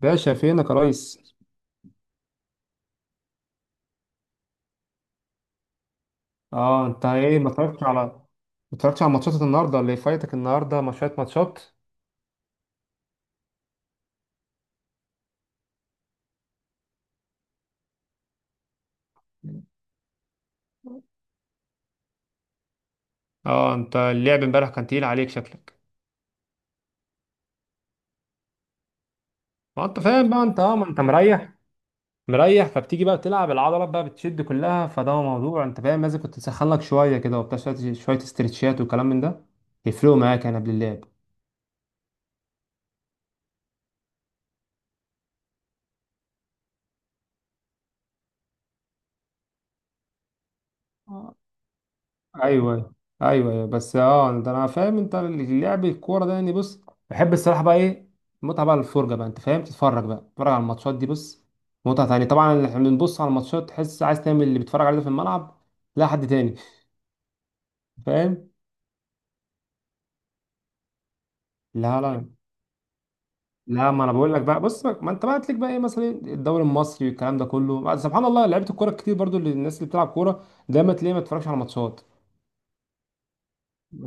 باشا فينك يا ريس؟ اه انت ايه؟ ما اتفرجتش على ماتشات النهارده اللي فايتك. النهارده ما شويه ماتشات. اه انت اللعب امبارح كان تقيل عليك شكلك. ما انت فاهم بقى، انت ما انت مريح، فبتيجي بقى تلعب، العضلات بقى بتشد كلها، فده موضوع، انت فاهم، لازم كنت تسخن لك شويه كده وبتاع، شويه شوية استرتشات وكلام من ده يفرقوا معاك يعني قبل اللعب. ايوه ايوه. ايوه أيوه. بس ده انا فاهم انت لعب الكوره ده. يعني بص، بحب الصراحه بقى ايه المتعه بقى، الفرجه بقى، انت فاهم، تتفرج على الماتشات دي. بص، متعه تانية طبعا. احنا بنبص على الماتشات، تحس عايز تعمل اللي بيتفرج عليه ده في الملعب، لا حد تاني، فاهم؟ لا لا لا، ما انا بقول لك بقى، بص ما انت بقى تليك بقى ايه، مثلا الدوري المصري والكلام ده كله، سبحان الله، لعيبه الكوره كتير برضو الناس اللي بتلعب كوره دايما تلاقيه ما بتتفرجش على ماتشات.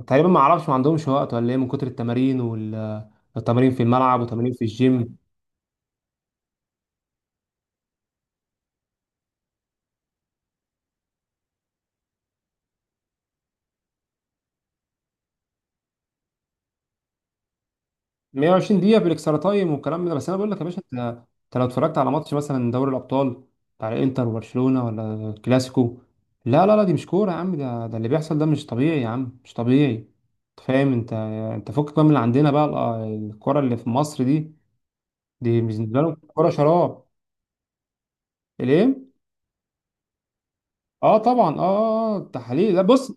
تقريبا ما اعرفش، ما عندهمش وقت ولا ايه من كتر التمارين، وال التمارين في الملعب وتمارين في الجيم. 120 دقيقة بالاكسترا تايم والكلام من ده، بس انا بقول لك يا باشا، انت لو اتفرجت على ماتش مثلا دوري الابطال بتاع الانتر وبرشلونة ولا كلاسيكو. لا لا لا، دي مش كورة يا عم، ده اللي بيحصل ده مش طبيعي يا عم، مش طبيعي. انت فاهم؟ انت فكك بقى من اللي عندنا بقى، الكرة اللي في مصر دي، دي بالنسبة لهم كرة شراب. الايه؟ اه طبعا. التحليل، لا بص،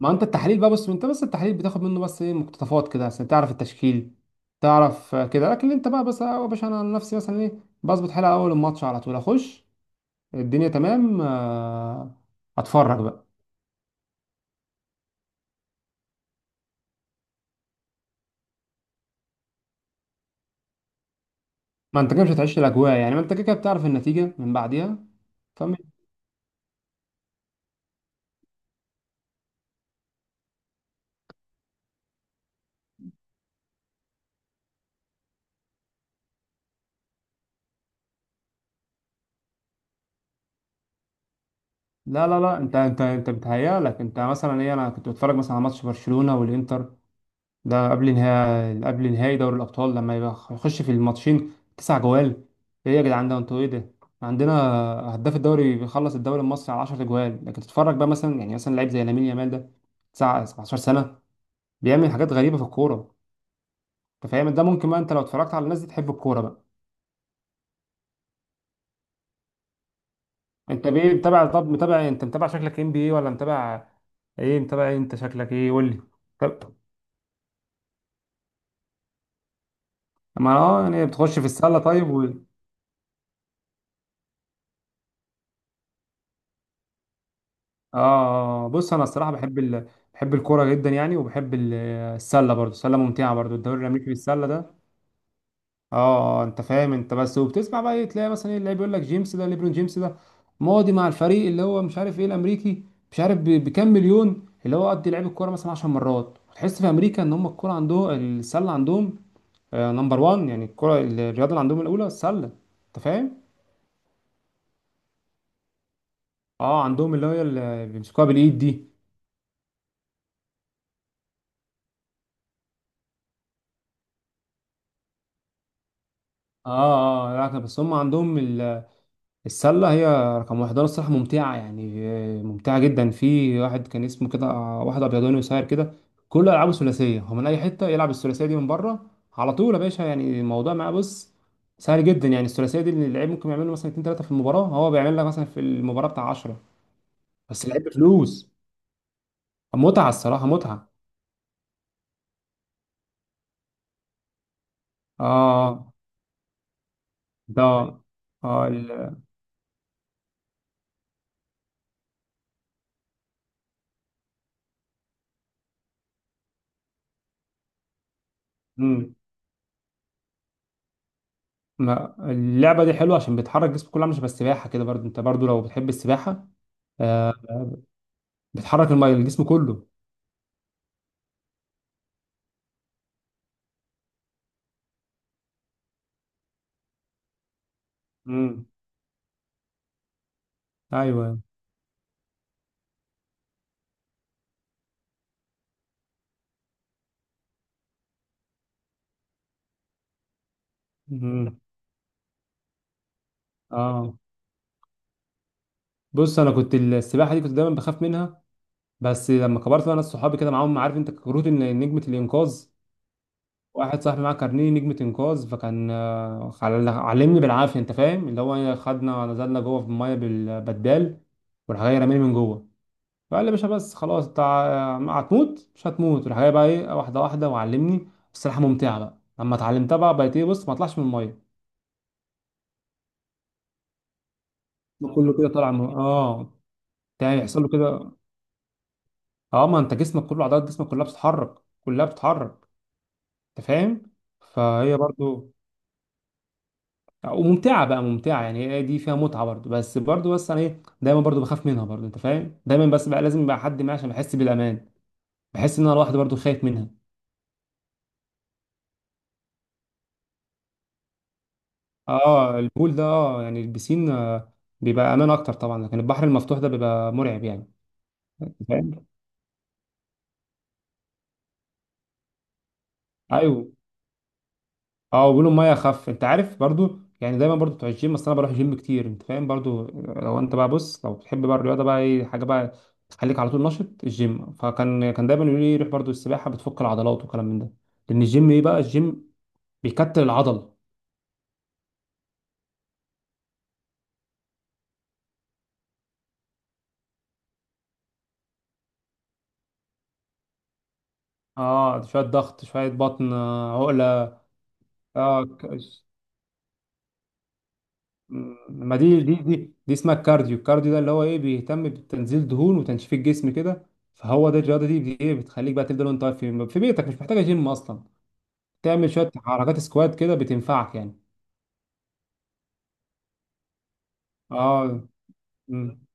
ما انت التحليل بقى، بص انت بس التحليل بتاخد منه بس ايه، مقتطفات كده عشان تعرف التشكيل، تعرف، كده. لكن انت بقى بس، يا باشا، انا عن نفسي مثلا ايه بظبط حلقه اول الماتش على طول اخش، الدنيا تمام. اتفرج بقى. ما انت كده مش هتعيش الاجواء يعني، ما انت كده كده بتعرف النتيجه من بعديها، فاهم؟ لا لا لا، انت بتهيأ لك، انت مثلا ايه، انا كنت بتفرج مثلا على ماتش برشلونه والانتر، ده قبل نهائي دوري الأبطال، لما يبقى يخش في الماتشين تسع جوال. إيه يا جدعان ده؟ أنتوا إيه ده؟ عندنا هداف الدوري بيخلص الدوري المصري على 10 جوال، لكن تتفرج بقى مثلا يعني مثلا لعيب زي لامين يامال ده، 17 سنة، بيعمل حاجات غريبة في الكورة. أنت فاهم؟ ده ممكن بقى، أنت لو اتفرجت على الناس دي تحب الكورة بقى. أنت بإيه متابع؟ طب متابع إيه؟ أنت متابع شكلك NBA، ولا متابع إيه؟ متابع إيه أنت شكلك، إيه قول لي. طب ما يعني بتخش في السلة؟ طيب. اه بص، انا الصراحه بحب بحب الكوره جدا يعني، وبحب السله برضو. السله ممتعه برضو، الدوري الامريكي بالسله ده. انت فاهم انت، بس وبتسمع بقى تلاقي مثلا ايه اللي بيقول لك، جيمس ده، ليبرون جيمس ده ماضي مع الفريق اللي هو مش عارف ايه الامريكي، مش عارف بكام مليون، اللي هو قد لعب الكوره مثلا 10 مرات. تحس في امريكا ان هم الكوره عندهم، السله عندهم نمبر 1 يعني. الكوره، الرياضه اللي عندهم الاولى السله، انت فاهم؟ اه عندهم اللي هي اللي بيمسكوها بالايد دي. اه. لا بس هم عندهم السلة هي رقم واحد رياضة. الصراحة ممتعة يعني، ممتعة جدا. في واحد كان اسمه كده، واحد أبيضاني قصير كده، كل ألعابه ثلاثية، هو من أي حتة يلعب الثلاثية دي من بره على طول يا باشا، يعني الموضوع معاه بص سهل جدا، يعني الثلاثية دي اللي اللعيب ممكن يعمل له مثلا اتنين تلاتة في المباراة، هو بيعمل لك مثلا في المباراة بتاع 10، بس اللعيب بفلوس. متعة الصراحة، متعة. اه ده اه ال- مم. ما اللعبة دي حلوة عشان بتحرك جسمك كله، عامل شبه السباحة كده، برضو انت برضو لو بتحب السباحة، آه، بتحرك الميه الجسم كله. امم ايوه. امم اه بص، انا كنت السباحه دي كنت دايما بخاف منها، بس لما كبرت بقى، ناس صحابي كده معاهم، عارف انت كروت نجمه الانقاذ، واحد صاحبي معاه كارنيه نجمه انقاذ، فكان علمني بالعافيه، انت فاهم، اللي هو خدنا نزلنا جوه في الميه بالبدال، وراح جاي رماني من جوه، فقال لي يا باشا بس خلاص انت هتموت مش هتموت، راح جاي بقى ايه واحده واحده وعلمني. السباحه ممتعه بقى لما اتعلمتها، بقى بقيت ايه، بص ما اطلعش من الميه، كله كده طالع من، ده يحصل له كده. اه ما انت جسمك كله عضلات، جسمك كلها بتتحرك، كلها بتتحرك، انت فاهم، فهي برضو وممتعه بقى، ممتعه يعني، هي دي فيها متعه برضو. بس برضو، انا ايه دايما برضو بخاف منها برضو، انت فاهم، دايما بس بقى لازم يبقى حد معايا عشان بحس بالامان، بحس ان انا لوحدي برضو خايف منها. اه البول ده، يعني البسين بيبقى امان اكتر طبعا، لكن البحر المفتوح ده بيبقى مرعب يعني. أنت فاهم؟ ايوه. اه وبيقولوا الميه اخف، انت عارف برضو يعني. دايما برضو بتوع الجيم، اصل انا بروح جيم كتير، انت فاهم، برضو لو انت بقى بص، لو بتحب بقى الرياضه بقى ايه، حاجه بقى تخليك على طول نشط، الجيم، فكان دايما يقولوا لي روح برضو السباحه بتفك العضلات وكلام من ده، لان الجيم ايه بقى، الجيم بيكتل العضل. اه شويه ضغط، شويه بطن، عقله. اه ك- ما دي اسمها الكارديو، الكارديو ده اللي هو ايه بيهتم بتنزيل دهون وتنشيف الجسم كده، فهو ده الرياضه دي ايه بتخليك بقى تفضل وانت واقف في بيتك، مش محتاجه جيم اصلا، تعمل شويه حركات سكوات كده بتنفعك يعني. اه مم.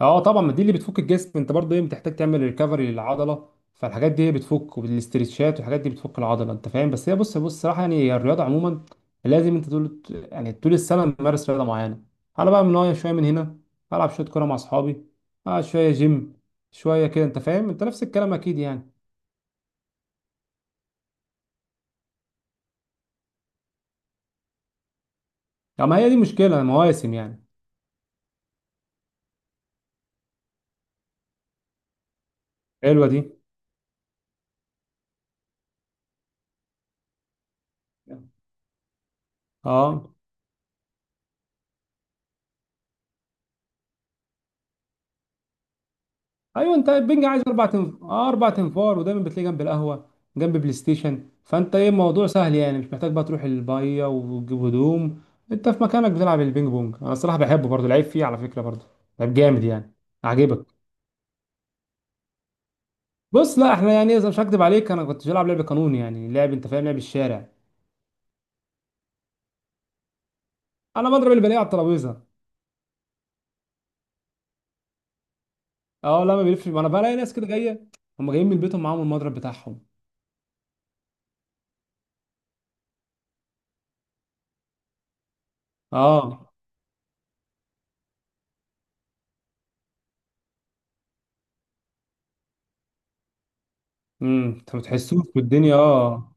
اه طبعا، ما دي اللي بتفك الجسم. انت برضه ايه بتحتاج تعمل ريكفري للعضله، فالحاجات دي هي بتفك، والاسترتشات والحاجات دي بتفك العضله، انت فاهم. بس هي بص، بص الصراحه يعني هي الرياضه عموما، لازم انت طول السنه ممارس رياضه معينه. انا بقى من نوع شويه من هنا، العب شويه كوره مع اصحابي، شويه جيم، شويه كده، انت فاهم، انت نفس الكلام اكيد يعني. طب ما هي دي مشكله مواسم يعني. حلوه دي. اه ايوه، انت البنج عايز اربع تنف... آه، اربع تنفار، ودايما بتلاقيه جنب القهوه، جنب بلاي ستيشن، فانت ايه الموضوع سهل يعني، مش محتاج بقى تروح البايه وتجيب هدوم، انت في مكانك بتلعب البينج بونج. انا الصراحه بحبه برضه، لعيب فيه على فكره برضه، لعيب جامد يعني. عاجبك؟ بص لا احنا يعني، اذا مش هكدب عليك، انا كنت بلعب لعب قانون يعني لعب، انت فاهم، لعب الشارع، انا بضرب اللي بلاقيه على الترابيزه. اه لا ما بيلفش، ما انا بلاقي ناس كده جايه، هم جايين من بيتهم معاهم المضرب بتاعهم. اه. انت ما بتحسوش بالدنيا، اه.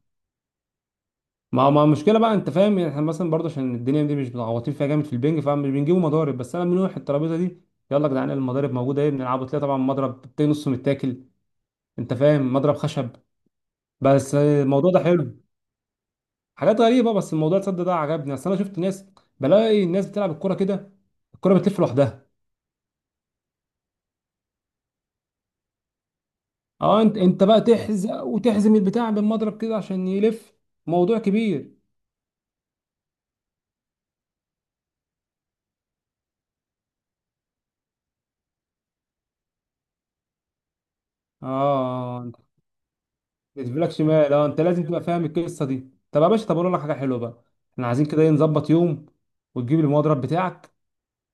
ما المشكله بقى، انت فاهم، يعني احنا مثلا برضه عشان الدنيا دي مش متعوطين فيها جامد في البنج، فمش بنجيبوا مضارب، بس انا من ناحيه الترابيزه دي، يلا يا جدعان المضارب موجوده ايه بنلعبوا، تلاقي طبعا مضرب تلاقي نصه متاكل، انت فاهم، مضرب خشب، بس الموضوع ده حلو، حاجات غريبه، بس الموضوع تصدق ده عجبني، اصل انا شفت ناس، بلاقي الناس بتلعب الكوره كده، الكوره بتلف لوحدها. اه، انت بقى تحزق وتحزم البتاع بالمضرب كده عشان يلف، موضوع كبير. اه ما تجيبلكش مال. اه انت لازم تبقى فاهم القصه دي. طب يا باشا، اقول لك حاجه حلوه بقى، احنا عايزين كده ايه نظبط يوم، وتجيب المضرب بتاعك،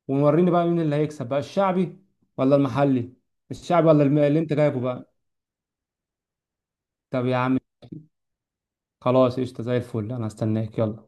ووريني بقى مين اللي هيكسب بقى، الشعبي ولا المحلي؟ الشعبي ولا اللي انت جايبه بقى؟ طب يا عم خلاص، قشطه زي الفل، انا هستناك، يلا.